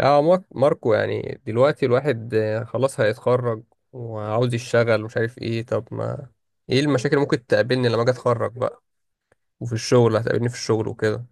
اه ماركو يعني دلوقتي الواحد خلاص هيتخرج وعاوز يشتغل ومش عارف ايه. طب ما ايه المشاكل اللي ممكن تقابلني لما اجي اتخرج بقى وفي الشغل، هتقابلني في الشغل وكده.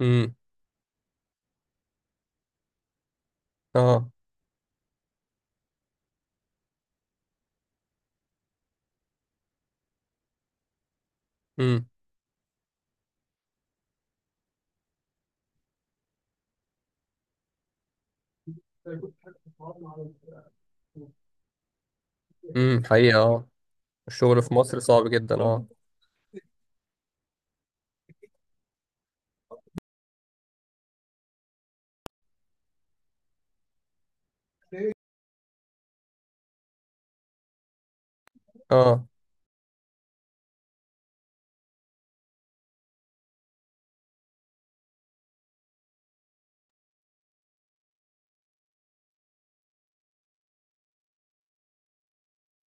امم. اه. امم. حقيقة، اه. الشغل في مصر صعب جدا، اه. اه،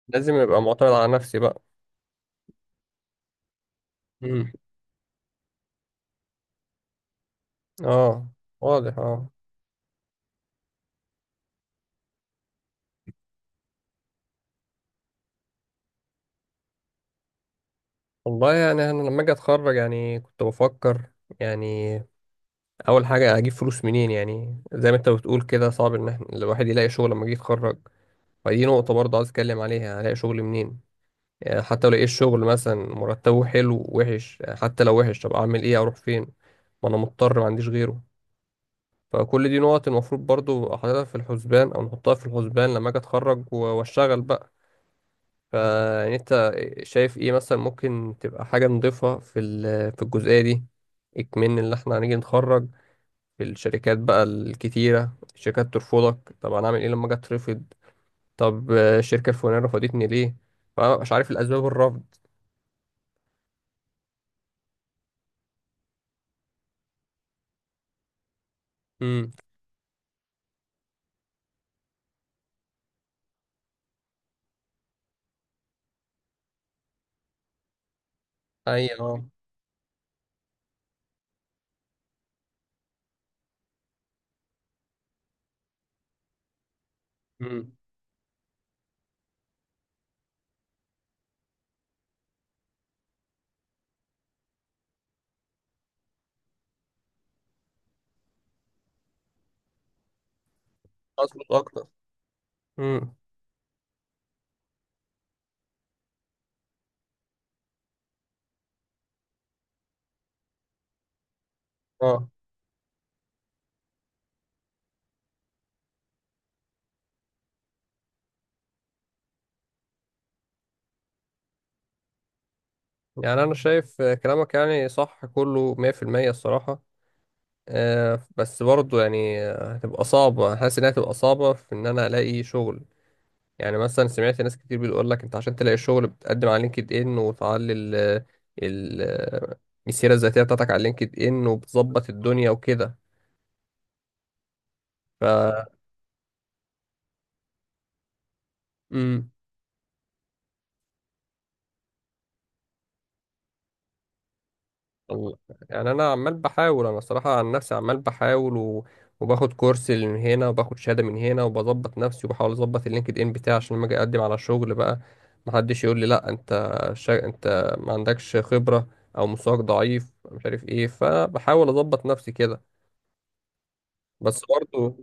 لازم ابقى معتمد على نفسي بقى. امم. اه. واضح، اه. والله يعني انا لما اجي اتخرج يعني كنت بفكر يعني اول حاجة اجيب فلوس منين. يعني زي ما انت بتقول كده، صعب ان احنا الواحد يلاقي شغل لما يجي يتخرج. فدي نقطة برضه عايز أتكلم عليها، يعني هلاقي شغل منين؟ يعني حتى لو لقيت شغل مثلا مرتبه حلو وحش، يعني حتى لو وحش طب أعمل إيه، أروح فين؟ ما أنا مضطر، ما عنديش غيره. فكل دي نقط المفروض برضه أحطها في الحسبان أو نحطها في الحسبان لما أجي أتخرج وأشتغل بقى. فيعني أنت شايف إيه مثلا ممكن تبقى حاجة نضيفها في الجزئية دي. إكمن اللي إحنا هنيجي نتخرج في الشركات بقى الكتيرة، الشركات ترفضك، طب أنا أعمل إيه لما أجي أترفض؟ طب الشركة الفلانية رفضتني ليه؟ فأنا مش عارف الأسباب الرفض. امم. أيوة، اه. امم. أظبط أكتر. امم. اه. يعني أنا شايف كلامك يعني صح كله 100%، الصراحة. بس برضه يعني هتبقى صعبة، حاسس إنها هتبقى صعبة في إن أنا ألاقي شغل. يعني مثلا سمعت ناس كتير بتقول لك أنت عشان تلاقي شغل بتقدم على لينكد إن وتعلي ال السيرة الذاتية بتاعتك على لينكد إن وبتظبط الدنيا وكده. ف. مم. والله. يعني انا عمال بحاول، انا صراحة عن نفسي عمال بحاول وباخد كورس من هنا وباخد شهادة من هنا وبظبط نفسي وبحاول اظبط اللينكد ان بتاعي عشان لما اجي اقدم على شغل بقى محدش يقول لي لا انت ما عندكش خبرة او مستواك ضعيف مش عارف ايه. فبحاول اظبط نفسي كده. بس برضه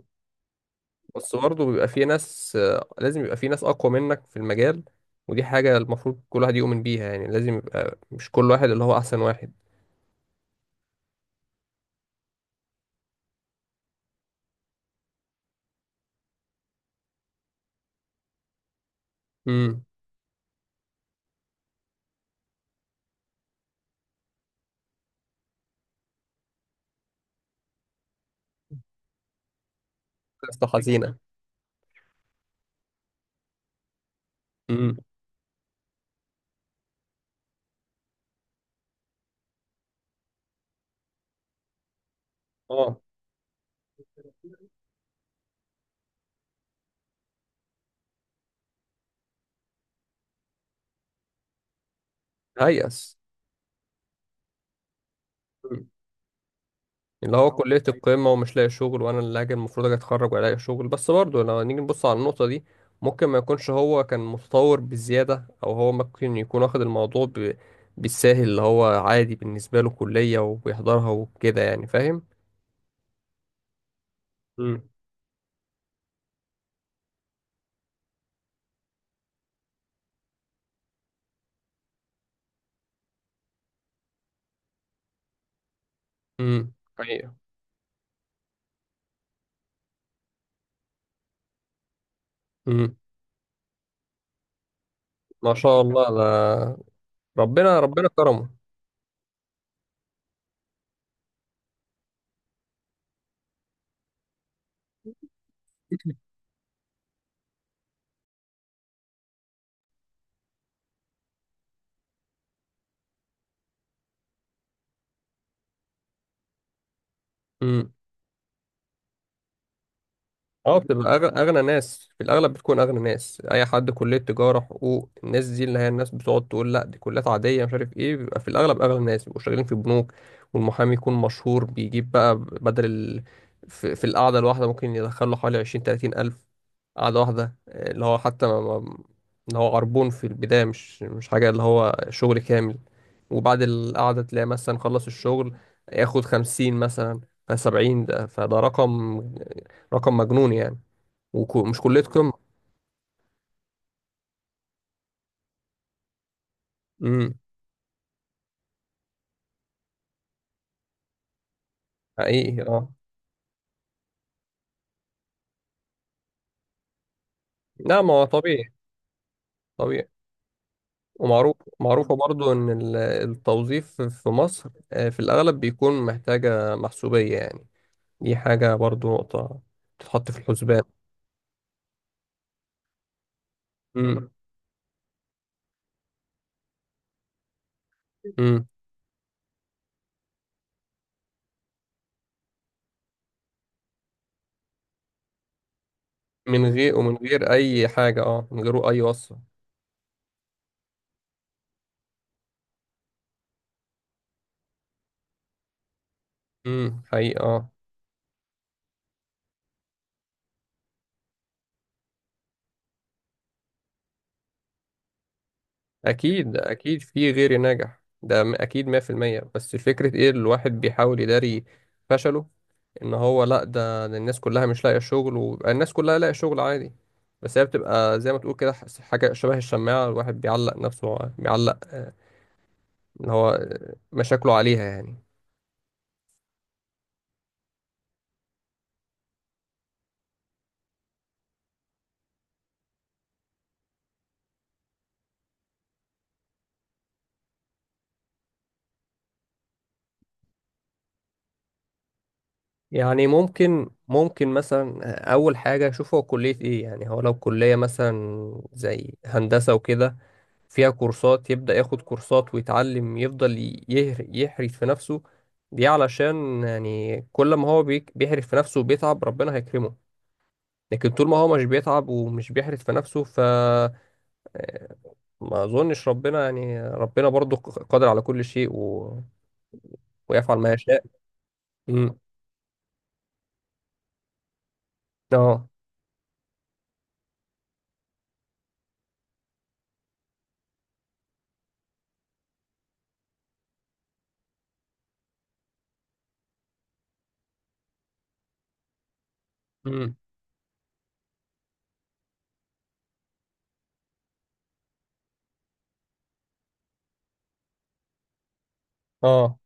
بس برضه بيبقى في ناس لازم يبقى في ناس اقوى منك في المجال. ودي حاجة المفروض كل واحد يؤمن بيها، يعني لازم يبقى مش كل واحد اللي هو احسن واحد. امم. قصة حزينة. امم. اه، هيأس. مم. اللي هو كلية القمة ومش لاقي شغل، وأنا اللي هاجي المفروض أجي أتخرج وألاقي شغل. بس برضه لو نيجي نبص على النقطة دي، ممكن ما يكونش هو كان متطور بزيادة، أو هو ممكن يكون واخد الموضوع بالساهل، اللي هو عادي بالنسبة له كلية وبيحضرها وكده، يعني فاهم؟ مم. امم حقيقة. امم. ما شاء الله. ده ربنا، ربنا كرمه. امم. اه، بتبقى اغنى ناس. في الاغلب بتكون اغنى ناس اي حد كليه تجاره حقوق. الناس دي اللي هي الناس بتقعد تقول لا دي كليات عاديه مش عارف ايه، بيبقى في الاغلب اغنى ناس، بيبقوا شغالين في بنوك. والمحامي يكون مشهور بيجيب بقى في القعده الواحده ممكن يدخل له حوالي 20 30 الف، قعده واحده. اللي هو حتى ما... ما... اللي هو عربون في البدايه، مش حاجه اللي هو شغل كامل. وبعد القعده تلاقي مثلا خلص الشغل، ياخد 50 مثلا. ف70، فده رقم مجنون يعني. ومش كلية قمة. امم حقيقي، اه. لا، ما هو طبيعي. طبيعي. ومعروف، معروفة برضو إن التوظيف في مصر في الأغلب بيكون محتاجة محسوبية يعني. دي حاجة برضو نقطة تتحط في الحسبان. امم. امم. من غير أي حاجة، اه، من غير أي وصفة. حقيقي، اه. أكيد، أكيد في غير ناجح أكيد 100%. بس الفكرة إيه؟ الواحد بيحاول يداري فشله، ان هو لا ده الناس كلها مش لاقيه شغل، وبقى الناس كلها لاقيه شغل عادي. بس هي بتبقى زي ما تقول كده حاجه شبه الشماعه، الواحد بيعلق نفسه، بيعلق ان هو مشاكله عليها يعني. يعني ممكن مثلا اول حاجه اشوف هو كليه ايه. يعني هو لو كليه مثلا زي هندسه وكده فيها كورسات، يبدا ياخد كورسات ويتعلم، يفضل يحرف في نفسه. دي علشان يعني كل ما هو بيحرف في نفسه وبيتعب ربنا هيكرمه. لكن طول ما هو مش بيتعب ومش بيحرف في نفسه ف ما اظنش. ربنا يعني ربنا برضو قادر على كل شيء ويفعل ما يشاء. امم. اه. امم. اه.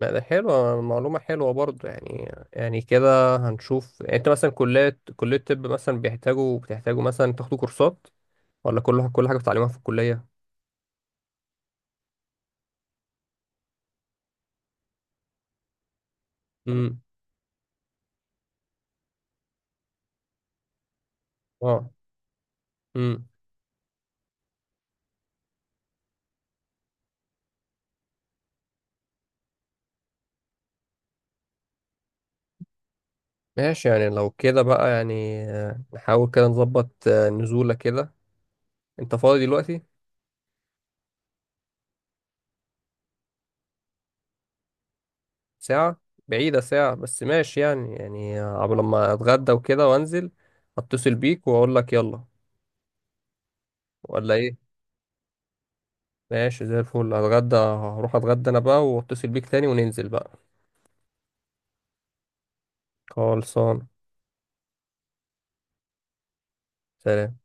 لا، ده حلوة، معلومة حلوة برضو، يعني يعني كده هنشوف. يعني انت مثلا كلية طب مثلا بتحتاجوا مثلا تاخدوا كورسات، ولا كل حاجة بتتعلموها في الكلية؟ امم. اه. امم. ماشي. يعني لو كده بقى يعني نحاول كده نظبط نزولة كده. انت فاضي دلوقتي؟ ساعة؟ بعيدة ساعة، بس ماشي. يعني يعني عبر لما اتغدى وكده وانزل اتصل بيك واقول لك يلا، ولا ايه؟ ماشي زي الفل. هتغدى، هروح اتغدى انا بقى واتصل بيك تاني وننزل بقى. خلصان. سلام.